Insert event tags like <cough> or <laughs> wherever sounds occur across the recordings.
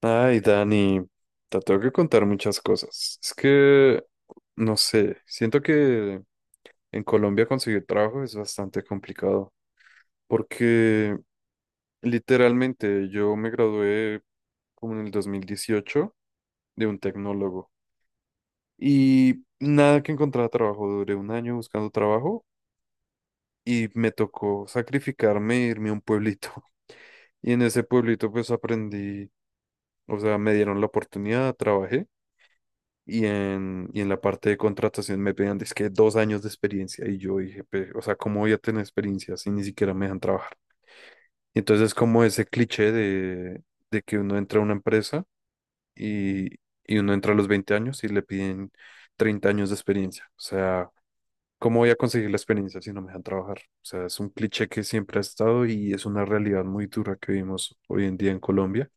Ay, Dani, te tengo que contar muchas cosas. Es que, no sé, siento que en Colombia conseguir trabajo es bastante complicado, porque literalmente yo me gradué como en el 2018 de un tecnólogo y nada que encontraba trabajo, duré un año buscando trabajo y me tocó sacrificarme e irme a un pueblito. <laughs> Y en ese pueblito pues aprendí, o sea, me dieron la oportunidad, trabajé. Y en la parte de contratación me pedían, es que 2 años de experiencia. Y yo dije, O sea, ¿cómo voy a tener experiencia si ni siquiera me dejan trabajar?" Y entonces es como ese cliché de, que uno entra a una empresa y, uno entra a los 20 años y le piden 30 años de experiencia. O sea, ¿cómo voy a conseguir la experiencia si no me dejan trabajar? O sea, es un cliché que siempre ha estado y es una realidad muy dura que vivimos hoy en día en Colombia.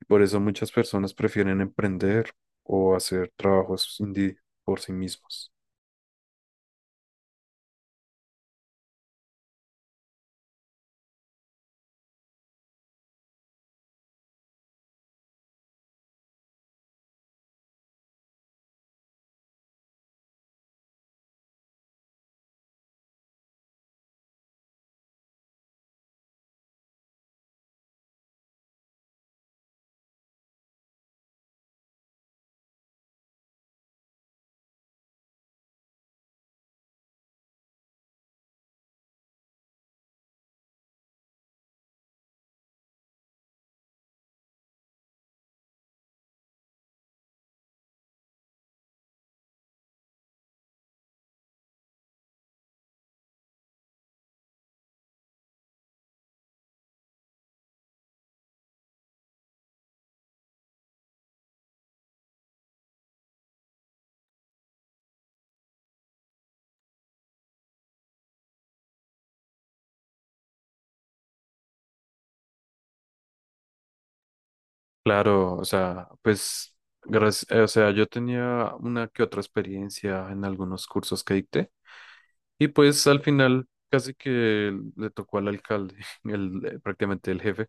Y por eso muchas personas prefieren emprender o hacer trabajos indie por sí mismos. Claro, o sea, pues, gracias, o sea, yo tenía una que otra experiencia en algunos cursos que dicté y pues al final casi que le tocó al alcalde, <laughs> el, prácticamente el jefe,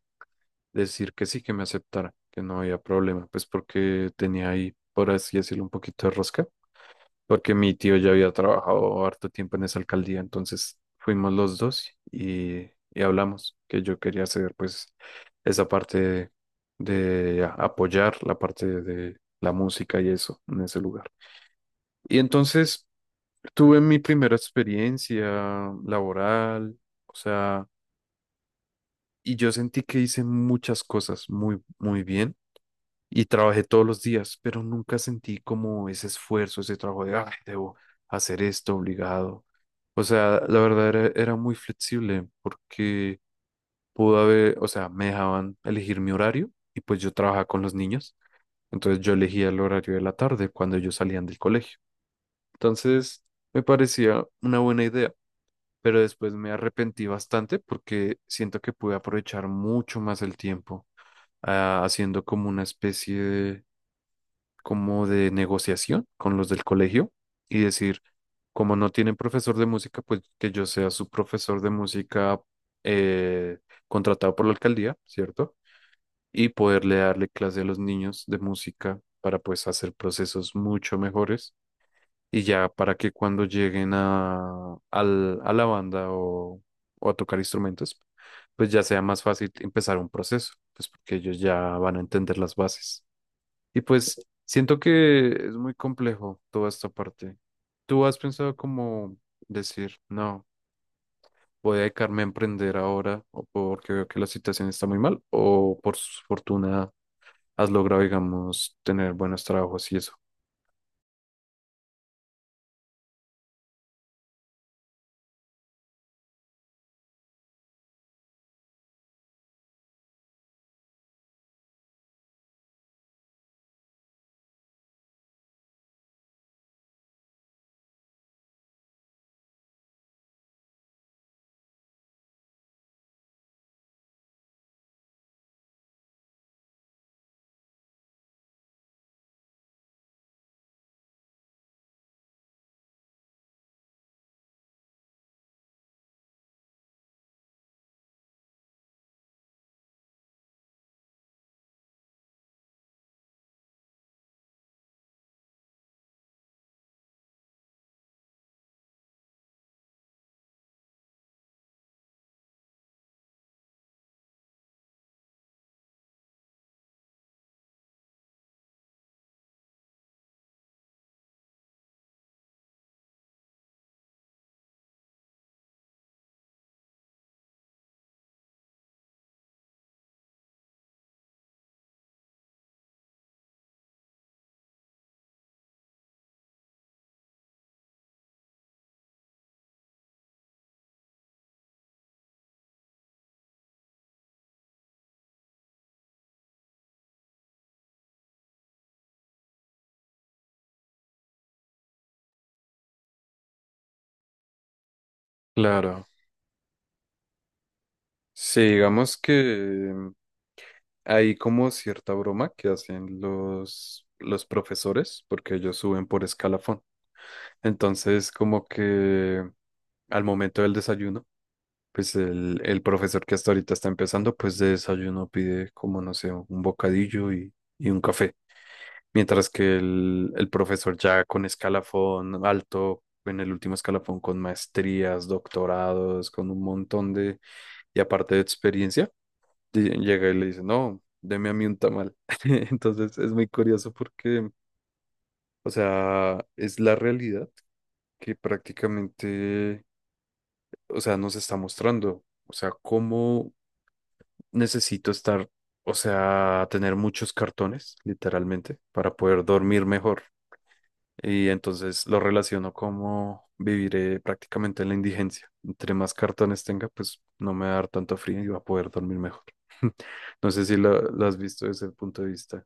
decir que sí, que me aceptara, que no había problema, pues porque tenía ahí, por así decirlo, un poquito de rosca, porque mi tío ya había trabajado harto tiempo en esa alcaldía, entonces fuimos los dos y, hablamos que yo quería hacer pues esa parte de, apoyar la parte de la música y eso en ese lugar. Y entonces tuve mi primera experiencia laboral, o sea, y yo sentí que hice muchas cosas muy, muy bien y trabajé todos los días, pero nunca sentí como ese esfuerzo, ese trabajo de, ay, debo hacer esto obligado. O sea, la verdad era muy flexible porque pudo haber, o sea, me dejaban elegir mi horario y pues yo trabajaba con los niños, entonces yo elegía el horario de la tarde cuando ellos salían del colegio. Entonces, me parecía una buena idea, pero después me arrepentí bastante porque siento que pude aprovechar mucho más el tiempo, ah, haciendo como una especie de como de negociación con los del colegio y decir, como no tienen profesor de música, pues que yo sea su profesor de música, eh, contratado por la alcaldía, ¿cierto? Y poderle darle clase a los niños de música para pues hacer procesos mucho mejores y ya para que cuando lleguen a, a la banda o a tocar instrumentos, pues ya sea más fácil empezar un proceso, pues porque ellos ya van a entender las bases. Y pues siento que es muy complejo toda esta parte. ¿Tú has pensado como decir, no, voy a dedicarme a emprender ahora o porque veo que la situación está muy mal o por su fortuna has logrado, digamos, tener buenos trabajos y eso? Claro. Sí, digamos que hay como cierta broma que hacen los profesores porque ellos suben por escalafón. Entonces, como que al momento del desayuno, pues el, profesor que hasta ahorita está empezando, pues de desayuno pide como, no sé, un bocadillo y, un café. Mientras que el, profesor ya con escalafón alto, en el último escalafón con maestrías, doctorados, con un montón de, y aparte de experiencia, llega y le dice, no, deme a mí un tamal. <laughs> Entonces es muy curioso porque, o sea, es la realidad que prácticamente, o sea, nos está mostrando. O sea, cómo necesito estar, o sea, tener muchos cartones, literalmente, para poder dormir mejor. Y entonces lo relaciono como viviré prácticamente en la indigencia. Entre más cartones tenga, pues no me va a dar tanto frío y va a poder dormir mejor. <laughs> No sé si lo, has visto desde el punto de vista.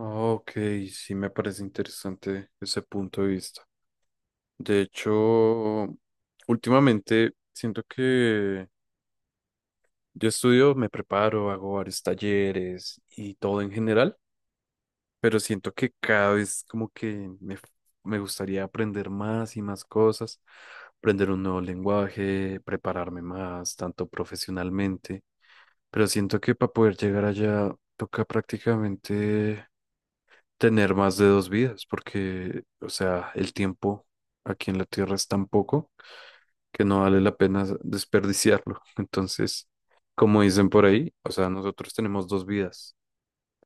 Ok, sí me parece interesante ese punto de vista. De hecho, últimamente siento que yo estudio, me preparo, hago varios talleres y todo en general, pero siento que cada vez como que me, gustaría aprender más y más cosas, aprender un nuevo lenguaje, prepararme más, tanto profesionalmente, pero siento que para poder llegar allá toca prácticamente tener más de dos vidas, porque, o sea, el tiempo aquí en la Tierra es tan poco que no vale la pena desperdiciarlo. Entonces, como dicen por ahí, o sea, nosotros tenemos dos vidas.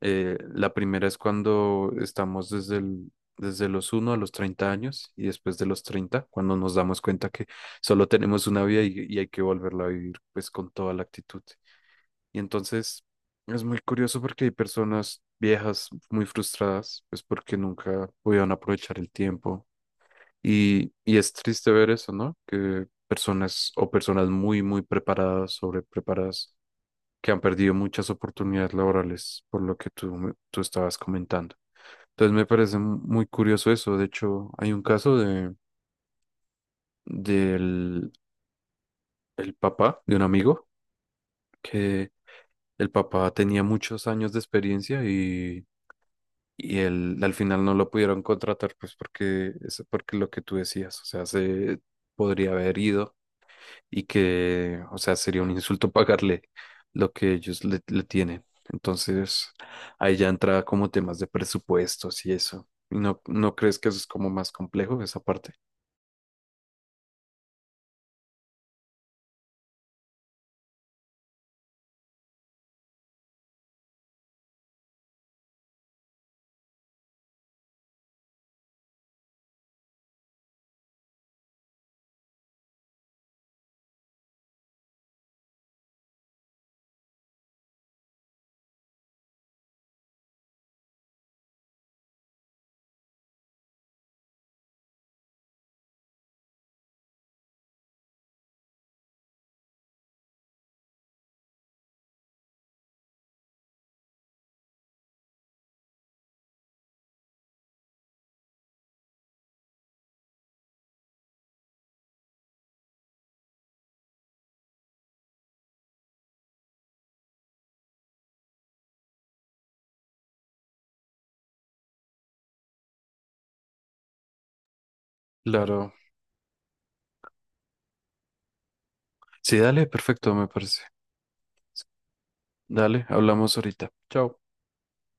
La primera es cuando estamos desde los 1 a los 30 años y después de los 30, cuando nos damos cuenta que solo tenemos una vida y, hay que volverla a vivir pues con toda la actitud. Y entonces es muy curioso porque hay personas viejas muy frustradas pues porque nunca pudieron aprovechar el tiempo y, es triste ver eso, ¿no? Que personas o personas muy, muy preparadas, sobrepreparadas, que han perdido muchas oportunidades laborales por lo que tú, tú estabas comentando. Entonces me parece muy curioso eso. De hecho, hay un caso de, del el papá de un amigo que el papá tenía muchos años de experiencia y, él, al final no lo pudieron contratar, pues porque, es porque lo que tú decías, o sea, se podría haber ido y que, o sea, sería un insulto <laughs> pagarle lo que ellos le, tienen. Entonces, ahí ya entra como temas de presupuestos y eso. ¿Y no crees que eso es como más complejo, esa parte? Claro. Sí, dale, perfecto, me parece. Dale, hablamos ahorita. Chao.